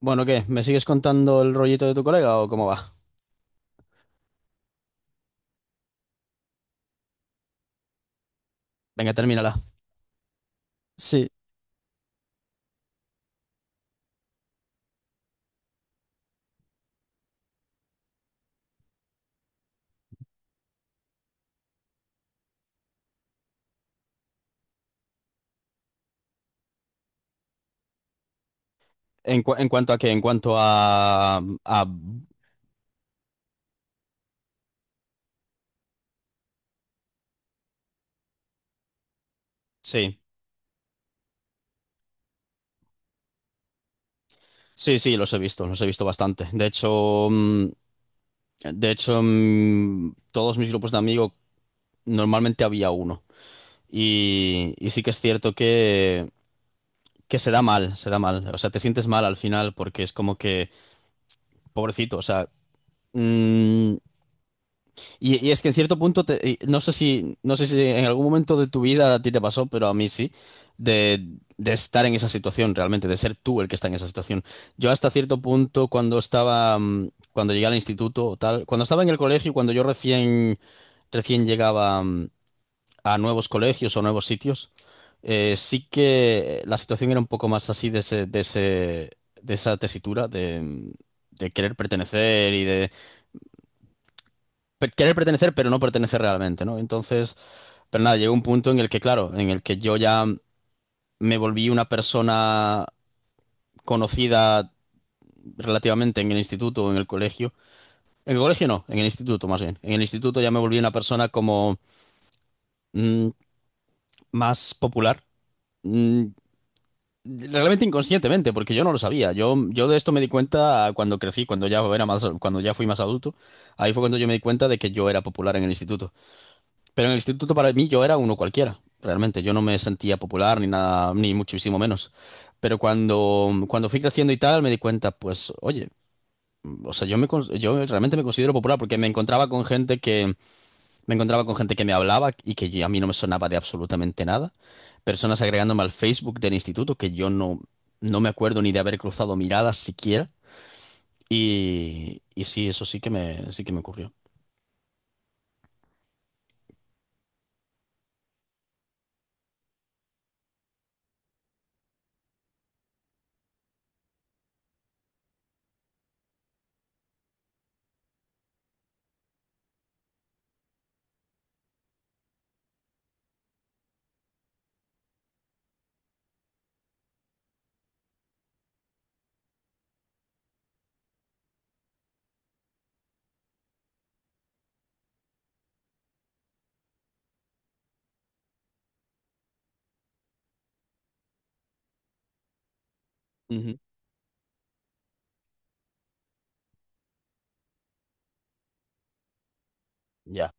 Bueno, ¿qué? ¿Me sigues contando el rollito de tu colega o cómo va? Venga, termínala. Sí, ¿En, en cuanto a qué? En cuanto a, a- Sí, sí, sí, los he visto bastante. De hecho, de hecho, todos mis grupos de amigos normalmente había uno. Y sí que es cierto que se da mal, se da mal. O sea, te sientes mal al final porque es como que, pobrecito, o sea, mm, y es que en cierto punto, y no sé si, no sé si en algún momento de tu vida a ti te pasó, pero a mí sí, de, de estar en esa situación realmente, de ser tú el que está en esa situación. Yo hasta cierto punto, cuando estaba, cuando llegué al instituto o tal, cuando estaba en el colegio, cuando yo recién, recién llegaba a nuevos colegios o nuevos sitios, sí que la situación era un poco más así de ese, de ese, de esa tesitura de querer pertenecer y de querer pertenecer, pero no pertenecer realmente, ¿no? Entonces, pero nada, llegó un punto en el que, claro, en el que yo ya me volví una persona conocida relativamente en el instituto o en el colegio. En el colegio no, en el instituto más bien. En el instituto ya me volví una persona como mm, más popular. Mm, Realmente inconscientemente, porque yo no lo sabía. Yo de esto me di cuenta cuando crecí, cuando ya era más, cuando ya fui más adulto. Ahí fue cuando yo me di cuenta de que yo era popular en el instituto. Pero en el instituto para mí yo era uno cualquiera, realmente. Yo no me sentía popular ni nada, ni muchísimo menos. Pero cuando, cuando fui creciendo y tal, me di cuenta, pues, oye, o sea, yo me, yo realmente me considero popular porque me encontraba con gente que, me encontraba con gente que me hablaba y que a mí no me sonaba de absolutamente nada. Personas agregándome al Facebook del instituto que yo no, no me acuerdo ni de haber cruzado miradas siquiera. Y sí, eso sí que me ocurrió. Ujú. Ya.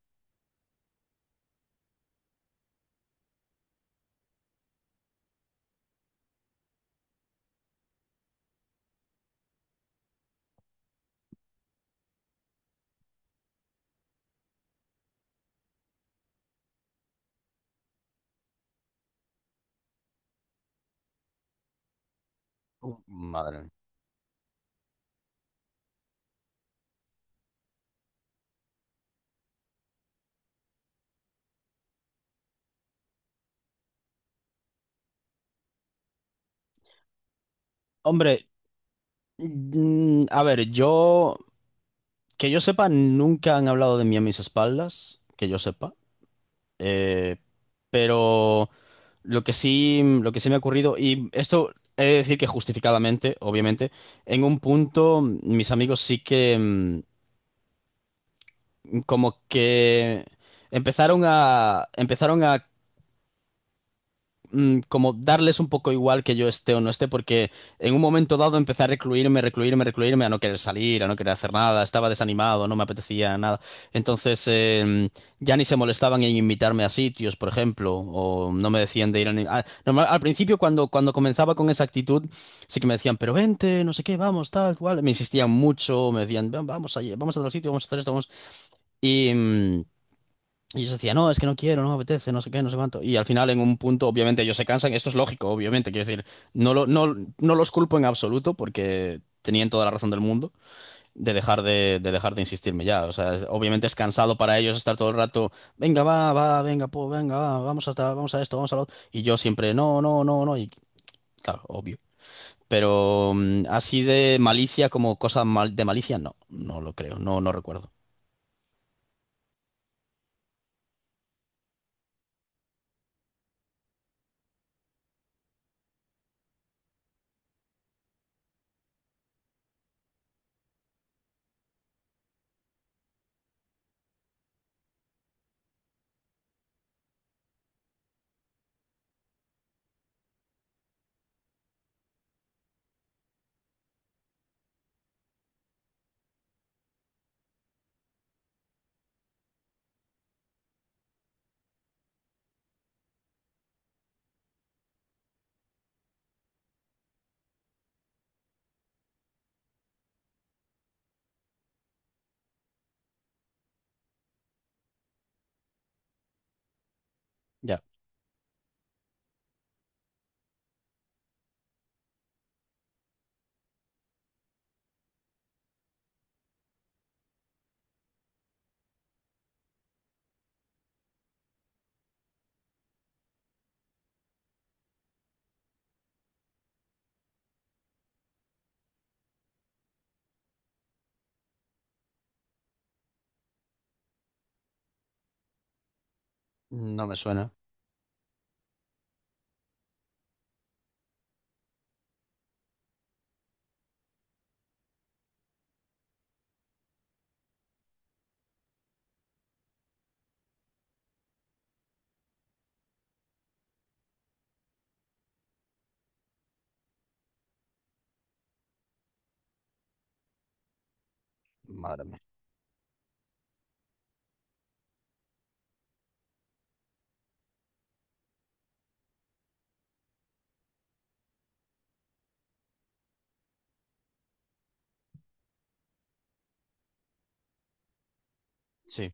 Madre mía. Hombre, a ver, yo, que yo sepa, nunca han hablado de mí a mis espaldas, que yo sepa. Eh, pero lo que sí me ha ocurrido, y esto he de decir que justificadamente, obviamente, en un punto mis amigos sí que como que empezaron a, empezaron a como darles un poco igual que yo esté o no esté, porque en un momento dado empecé a recluirme, recluirme, recluirme, a no querer salir, a no querer hacer nada, estaba desanimado, no me apetecía nada. Entonces ya ni se molestaban en invitarme a sitios, por ejemplo, o no me decían de ir a... al principio cuando, cuando comenzaba con esa actitud, sí que me decían, pero vente, no sé qué, vamos, tal, cual. Me insistían mucho, me decían, "Ven, vamos allí, vamos a tal sitio, vamos a hacer esto, vamos... Y... y ellos decían, no, es que no quiero, no me apetece, no sé qué, no sé cuánto. Y al final, en un punto, obviamente, ellos se cansan. Esto es lógico, obviamente. Quiero decir, no, no, no los culpo en absoluto porque tenían toda la razón del mundo de dejar de insistirme ya. O sea, obviamente es cansado para ellos estar todo el rato, venga, va, va, venga, po, venga, va, vamos a, tal, vamos a esto, vamos a lo otro. Y yo siempre, no, no, no, no. Y claro, obvio. Pero así de malicia como cosa mal, de malicia, no, no lo creo, no, no recuerdo. Ya, no me suena. Madre mía. Sí.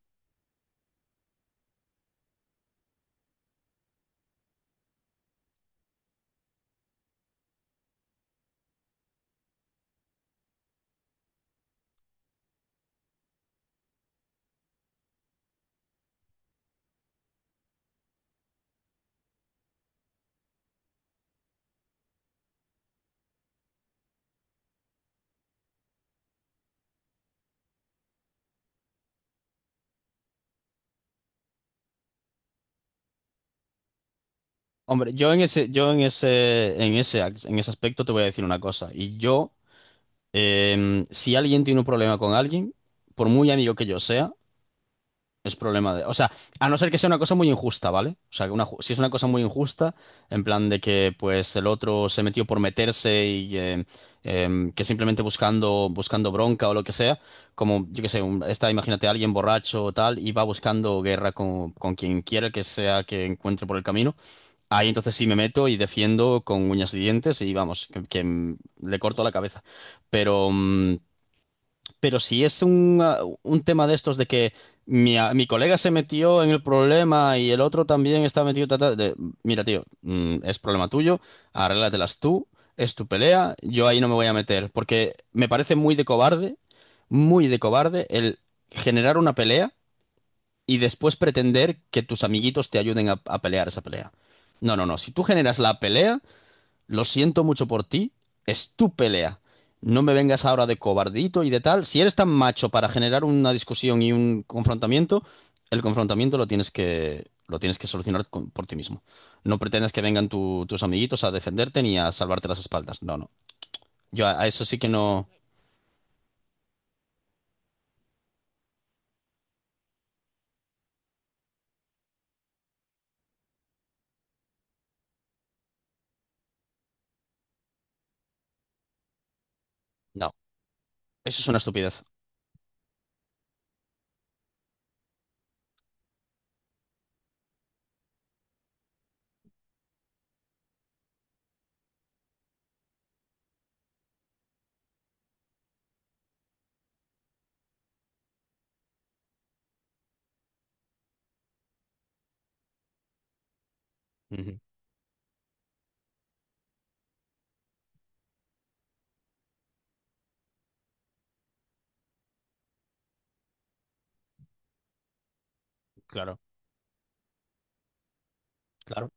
Hombre, yo en ese, en ese, en ese aspecto te voy a decir una cosa. Y yo, si alguien tiene un problema con alguien, por muy amigo que yo sea, es problema de. O sea, a no ser que sea una cosa muy injusta, ¿vale? O sea, que una si es una cosa muy injusta, en plan de que pues el otro se metió por meterse y que simplemente buscando, buscando bronca o lo que sea, como yo qué sé, está, imagínate alguien borracho o tal, y va buscando guerra con quien quiera que sea que encuentre por el camino. Ahí entonces sí me meto y defiendo con uñas y dientes y vamos, que, le corto la cabeza. Pero, pero si es un, un tema de estos de que mi, mi colega se metió en el problema y el otro también está metido, ta, ta, mira tío, es problema tuyo, arréglatelas tú, es tu pelea, yo ahí no me voy a meter, porque me parece muy de cobarde el generar una pelea y después pretender que tus amiguitos te ayuden a pelear esa pelea. No, no, no. Si tú generas la pelea, lo siento mucho por ti, es tu pelea. No me vengas ahora de cobardito y de tal. Si eres tan macho para generar una discusión y un confrontamiento, el confrontamiento lo tienes que solucionar por ti mismo. No pretendas que vengan tus amiguitos a defenderte ni a salvarte las espaldas. No, no. Yo a eso sí que no. No, eso es una estupidez. Ujú, claro, claro.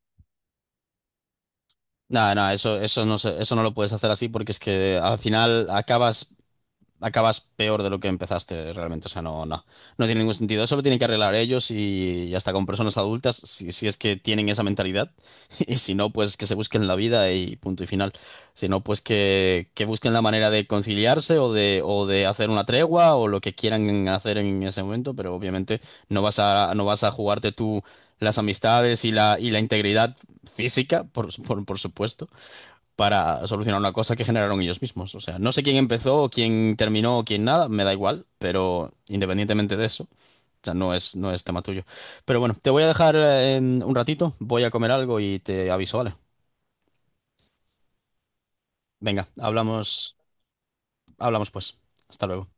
No, no, eso no eso no lo puedes hacer así porque es que al final acabas, acabas peor de lo que empezaste realmente. O sea, no, no, no tiene ningún sentido. Eso lo tienen que arreglar ellos y hasta con personas adultas, si, si es que tienen esa mentalidad. Y si no, pues que se busquen la vida y punto y final. Si no, pues que busquen la manera de conciliarse o de hacer una tregua o lo que quieran hacer en ese momento, pero obviamente no vas a, no vas a jugarte tú las amistades y la integridad física, por supuesto para solucionar una cosa que generaron ellos mismos. O sea, no sé quién empezó, o quién terminó, o quién nada, me da igual, pero independientemente de eso, o sea, no es, no es tema tuyo. Pero bueno, te voy a dejar un ratito, voy a comer algo y te aviso, ¿vale? Venga, hablamos, hablamos pues. Hasta luego.